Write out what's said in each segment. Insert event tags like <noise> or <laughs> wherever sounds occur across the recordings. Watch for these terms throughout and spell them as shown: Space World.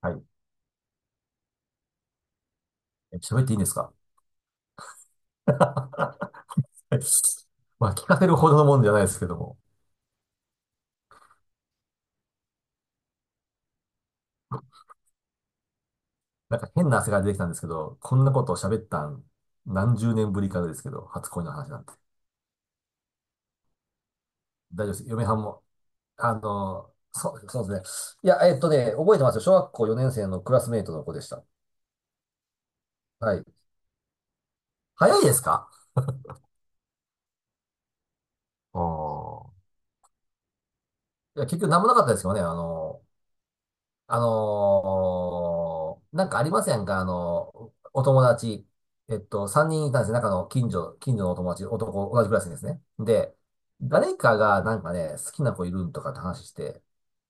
はい。喋っていいんですか？ <laughs> まあ、聞かせるほどのもんじゃないですけども。なんか変な汗が出てきたんですけど、こんなことを喋ったん何十年ぶりかですけど、初恋の話なんて。大丈夫です。嫁はんも。そう、そうですね。いや、覚えてますよ。小学校4年生のクラスメイトの子でした。はい。早いですか？ああー。いや、結局何もなかったですよね。なんかありませんか？お友達。3人いたんですよ。中の近所のお友達、男、同じクラスにですね。で、誰かがなんかね、好きな子いるんとかって話して、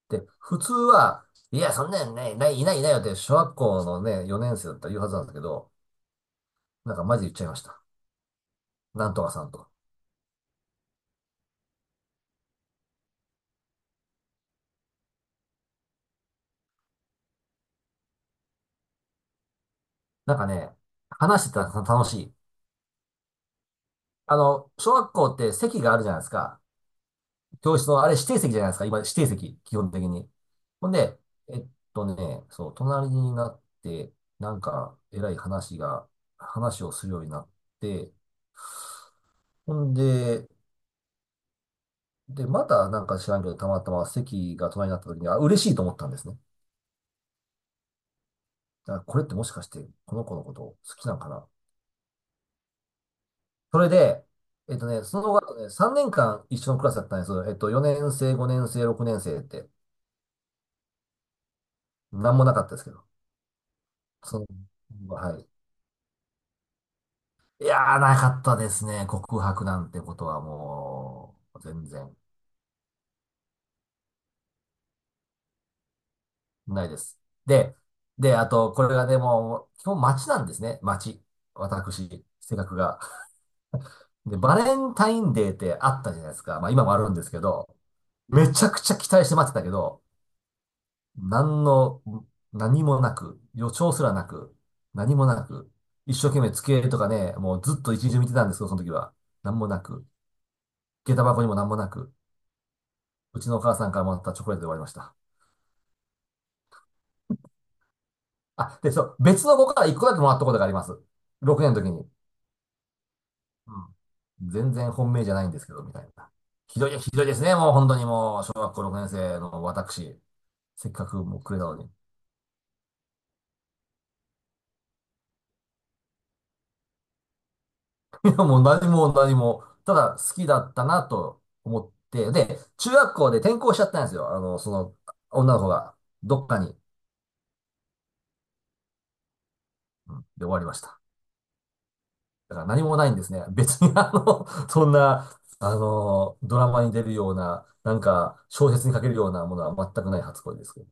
で、普通は、いや、そんなんね、ない、いないいないよって、小学校のね、4年生だったら言うはずなんですけど、なんかマジで言っちゃいました。なんとかさんとか。なんかね、話してたら楽しい。小学校って席があるじゃないですか。教室の、あれ指定席じゃないですか。今、指定席、基本的に。ほんで、えっそう、隣になって、なんか、えらい話が、話をするようになって、ほんで、で、またなんか知らんけど、たまたま席が隣になった時に、あ、嬉しいと思ったんですね。だからこれってもしかして、この子のこと好きなんかな。それで、その後ね、3年間一緒のクラスだったんです。4年生、5年生、6年生って、なんもなかったですけど。そはい。いやー、なかったですね。告白なんてことはもう、全然ないです。で、で、あと、これがでも、基本街なんですね。街。私、性格が。で、バレンタインデーってあったじゃないですか。まあ今もあるんですけど、めちゃくちゃ期待して待ってたけど、何の、何もなく、予兆すらなく、何もなく、一生懸命机とかね、もうずっと一日中見てたんですけど、その時は。何もなく、下駄箱にも何もなく、うちのお母さんからもらったチョコレートで終わりました。あ、で、そう、別の子から一個だけもらったことがあります。6年の時に。うん。全然本命じゃないんですけど、みたいな。ひどい、ひどいですね、もう本当にもう、小学校6年生の私、せっかくもうくれたのに。<laughs> いや、もう何も何も、ただ好きだったなと思って、で、中学校で転校しちゃったんですよ。女の子が、どっかに、で終わりました。だから何もないんですね。別に<laughs> そんな、ドラマに出るような、なんか、小説に書けるようなものは全くない初恋ですけど。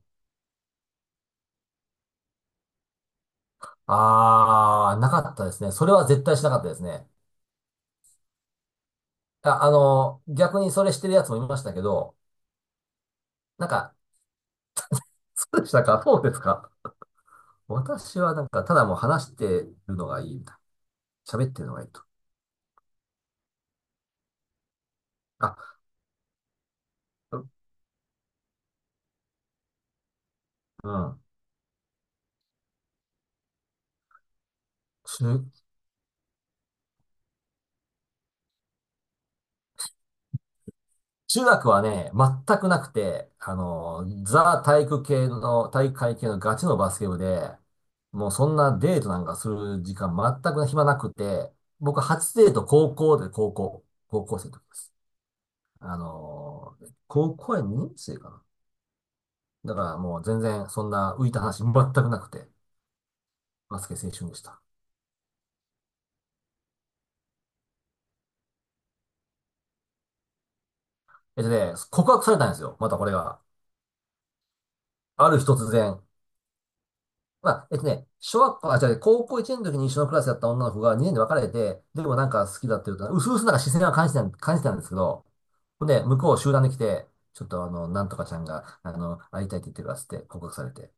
あー、なかったですね。それは絶対しなかったですね。あ、逆にそれしてるやつもいましたけど、なんか、そうでしたか？そうですか？私はなんか、ただもう話してるのがいいみたいな。喋ってるのがいいと。あ、うん。中中学はね、全くなくて、ザ体育会系のガチのバスケ部で、もうそんなデートなんかする時間全く暇なくて、僕初デート高校生の時です。あの、高校や2年生かな。だからもう全然そんな浮いた話全くなくて、バスケ青春でした。告白されたんですよ。またこれが。ある日突然。まあ、小学校、あ、じゃ高校1年の時に一緒のクラスだった女の子が2年で別れて、でもなんか好きだっていうと、うすうすなんか視線は感じてたんですけど、ほんで、向こう集団で来て、ちょっとなんとかちゃんが、会いたいって言ってるからっつって告白されて、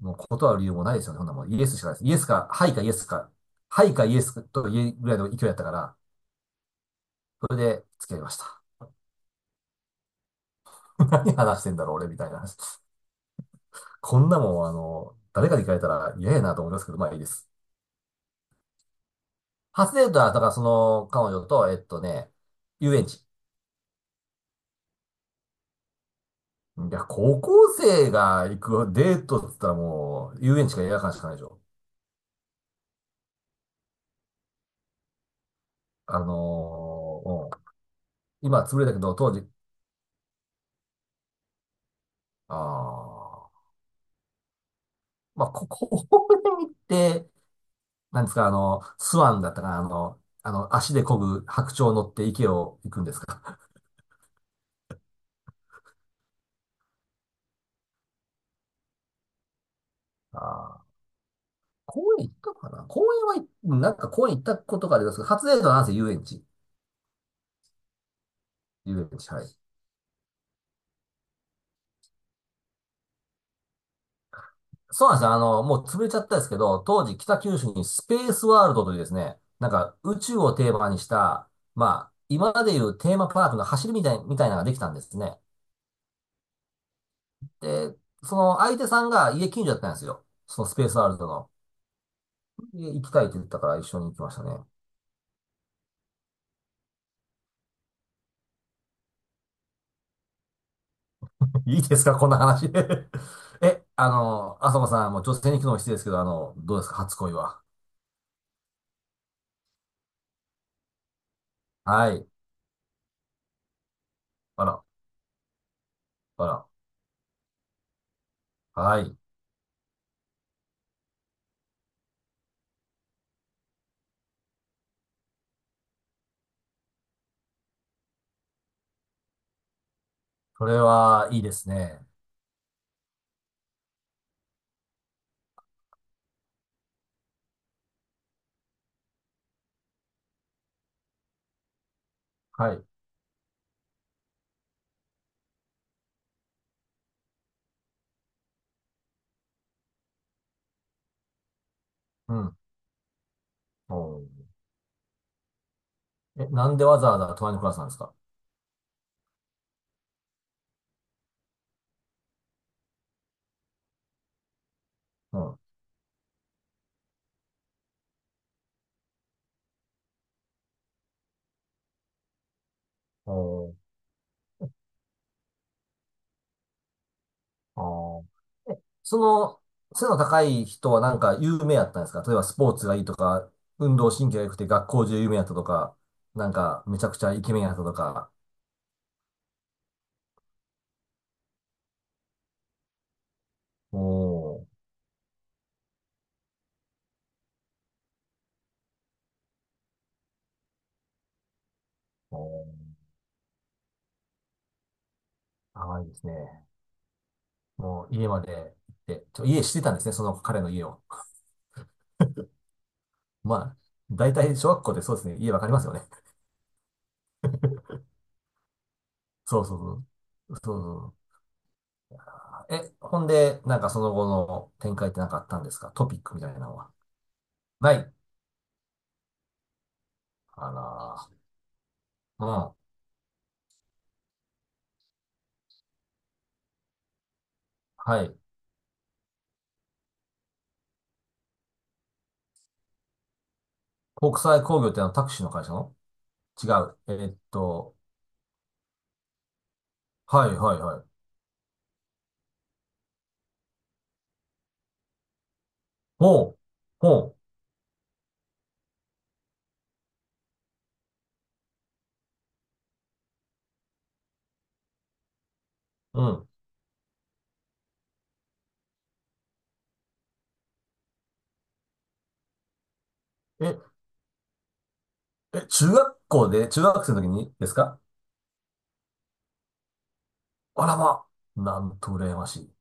もう断る理由もないですよね。ほんなもうイエスしかないです。イエスか、はいかイエスか、はいかイエスと言えるぐらいの勢いだったから、それで付き合いました。<laughs> 何話してんだろう、俺みたいな。こんなもん、誰かに聞かれたら嫌やなと思いますけど、まあいいです。初デートは、だからその彼女と、遊園地。いや、高校生が行くデートって言ったらもう、遊園地か映画館しかないでしょ。あのうん、今潰れたけど、当時、ああ、まあ、<laughs> こに行って、なんですか、スワンだったかな、足で漕ぐ白鳥乗って池を行くんですか？<laughs> ああ、公園行ったかな、公園は、なんか公園行ったことがありますけど、初デートはなんせ遊園地。遊園地、はい。そうなんですよ。もう潰れちゃったんですけど、当時北九州にスペースワールドというですね、なんか宇宙をテーマにした、まあ、今までいうテーマパークの走りみたいなのができたんですね。で、その相手さんが家近所だったんですよ。そのスペースワールドの。で行きたいって言ったから一緒に行きましたね。<laughs> いいですか？こんな話。<laughs> え、あさこさん、もう女性に聞くのも失礼ですけど、どうですか？初恋は。はい。あら、あら。はい。それはいいですね。はい。うん。おー。なんでわざわざ隣のクラスなんですか？うん。おー。あー。え、その、背の高い人はなんか有名やったんですか？例えばスポーツがいいとか、運動神経が良くて学校中有名やったとか、なんかめちゃくちゃイケメンやったとか。おー、おー、甘いですね。もう家まで行って、家知ってたんですね、その彼の家を。<laughs> まあ、大体小学校でそうですね、家わかりますよね。そうそうそう。そうそう。え、ほんで、なんかその後の展開ってなんかあったんですか？トピックみたいなのは。ない。あらー、うん。はい。国際工業ってあのタクシーの会社の？違う。はいはいはい。ほう、ほう、うん。え、え、中学生の時にですか？あらま、なんと羨ましい。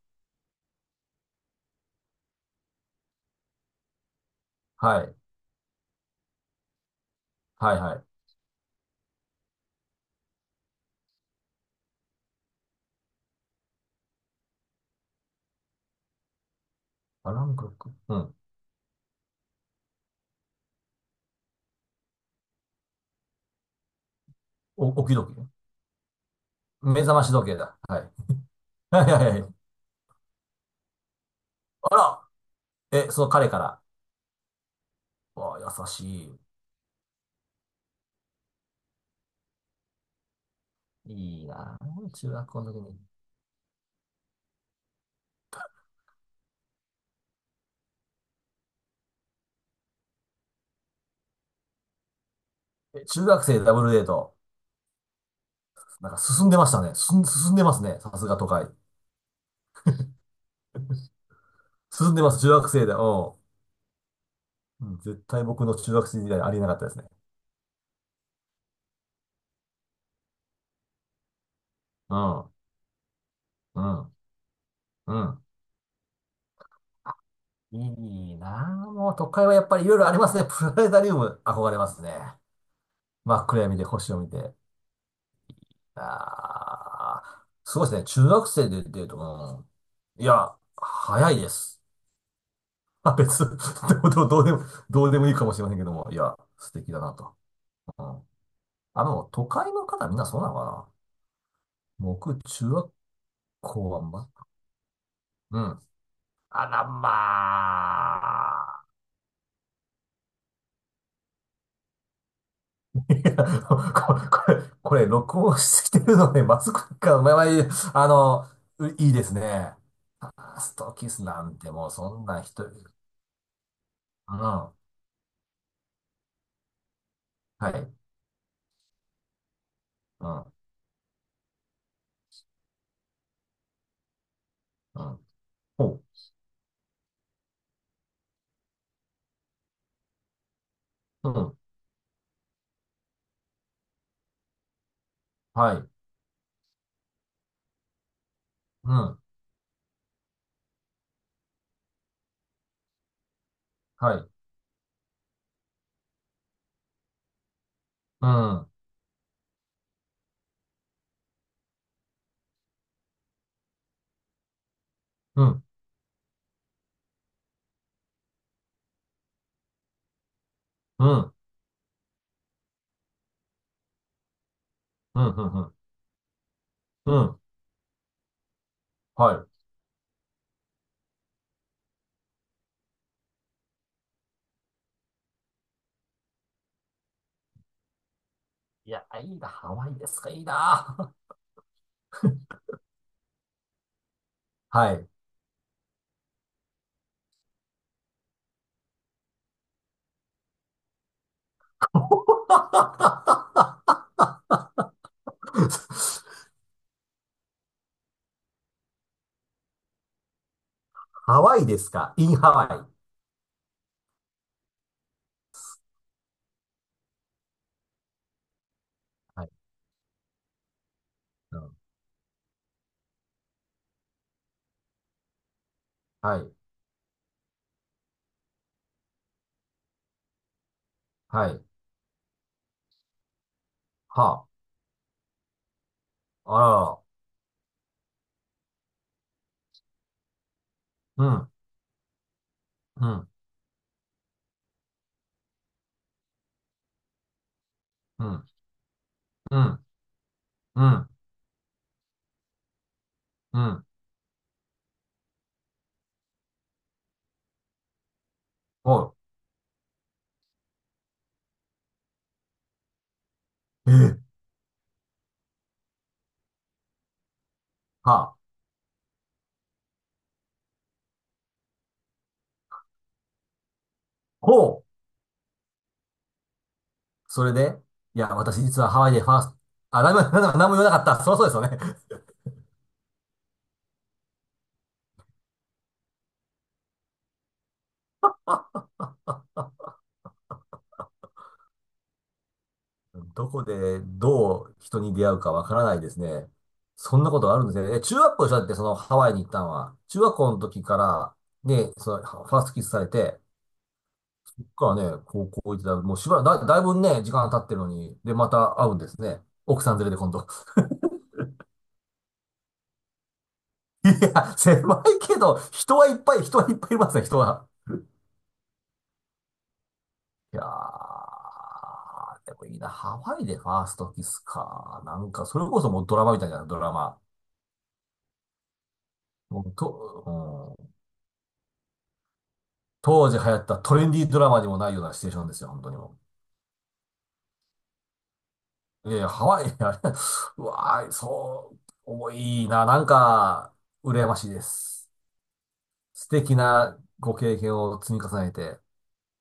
はい、はいはい。アラームクロック、うん。お、起き時計目覚まし時計だ。はい。はいはいはい。あら、その彼から。わあ、優しい。いいなぁ。中学校の時に。え、中学生ダブルデート。なんか進んでましたね。進んでますね。さすが都会。進んでます。中学生で。うん。うん、絶対僕の中学生時代ありえなかったですね。うん。うん。うん。いいなぁ。もう都会はやっぱりいろいろありますね。プラネタリウム憧れますね。真っ暗闇で星を見て。ああ、すごいですね。中学生でデート。うん。いや、早いです。まあ、別、<laughs> どう、どうどうでも、どうでもいいかもしれませんけども、いや、素敵だなと。うん。都会の方みんなそうなのかな。僕、中学校は、ま、うん。あら、まあ。<laughs> いや、こここれ、録音してきてるので、まずくか、まあまあいい、あの、ういいですね。ファーストキスなんてもう、そんな人、うん。はい。うん。うん。ほう。うん。はい。うん。はい。うん。うん。うん。うん。うん。うん。うんうん。はい。いや、いいな、ハワイですか、いいな。<laughs> はい。<laughs> ハワイですかインハワイ。はい。うん。はい。はい。はあ。あららら。うん。うん。うん。うん。うん。おい。えーはあ。ほう。それで、いや、私実はハワイでファースト、あ、なんも、なんも、なんも言わなかった。そりゃそうですよね。どこでどう人に出会うかわからないですね。そんなことがあるんですね。え、中学校でしょだってそのハワイに行ったのは。中学校の時から、ね、そのファーストキスされて、そっからね、高校行ってたら、もうしばらくだ、だいぶね、時間経ってるのに、で、また会うんですね。奥さん連れで今度。<laughs> いや、狭いけど、人はいっぱいいますね、人は。いやー、でもいいな。ハワイでファーストキスか。なんか、それこそもうドラマみたいな、ドラマ。もうと、うん。当時流行ったトレンディードラマにもないようなシチュエーションですよ、本当にもう。いやいや、ハワイ、あれ、うわー、そう、重いな、なんか、羨ましいです。素敵なご経験を積み重ねて、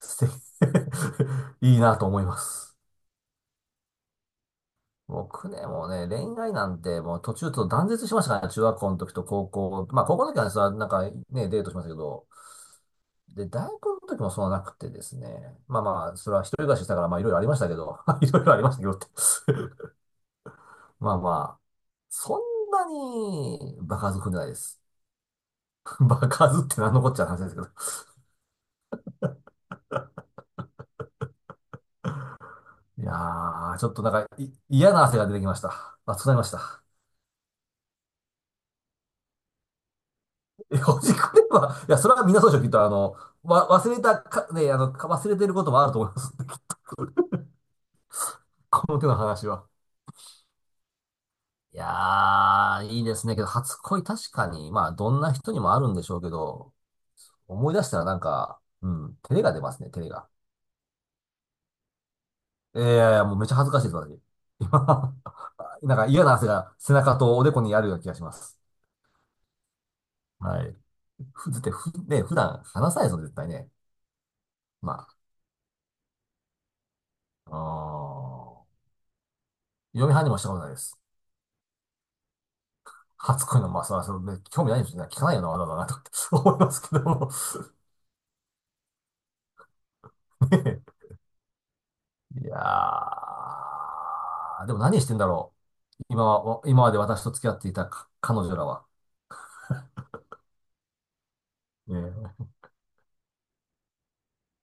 素敵、<laughs> いいなと思います。僕ね、もうね、恋愛なんて、もう途中と断絶しましたからね、中学校の時と高校。まあ、高校の時はね、それはなんかね、デートしましたけど、で、大学の時もそうはなくてですね。まあまあ、それは一人暮らししたから、まあいろいろありましたけど、<laughs> いろいろありましたけどってまあまあ、そんなに場数踏んでないです。<laughs> 場数って何のこっちゃの話ですけど。いやー、ちょっとなんか、い、嫌な汗が出てきました。暑くなりました。え、ほじくれば、いや、それは皆そうでしょ、きっと、わ、忘れたか、ね、か忘れてることもあると思います。<laughs> この手の話は。いやー、いいですね。けど、初恋確かに、まあ、どんな人にもあるんでしょうけど、思い出したらなんか、うん、照れが出ますね、照れが。ええいやいや、もうめっちゃ恥ずかしいです、私。今 <laughs> なんか嫌な汗が背中とおでこにあるような気がします。はい。ふ、ずって、ふ、ね、普段話さないですよ、絶対ね。まあ、あー嫁はんにもしたことないです。初恋の、まあ、それは、それね興味ないんですよね。聞かないよな、わざわざな、とかって思いますけども。<laughs> ねえいやー、でも何してんだろう。今は、今まで私と付き合っていたか彼女らは。ねえ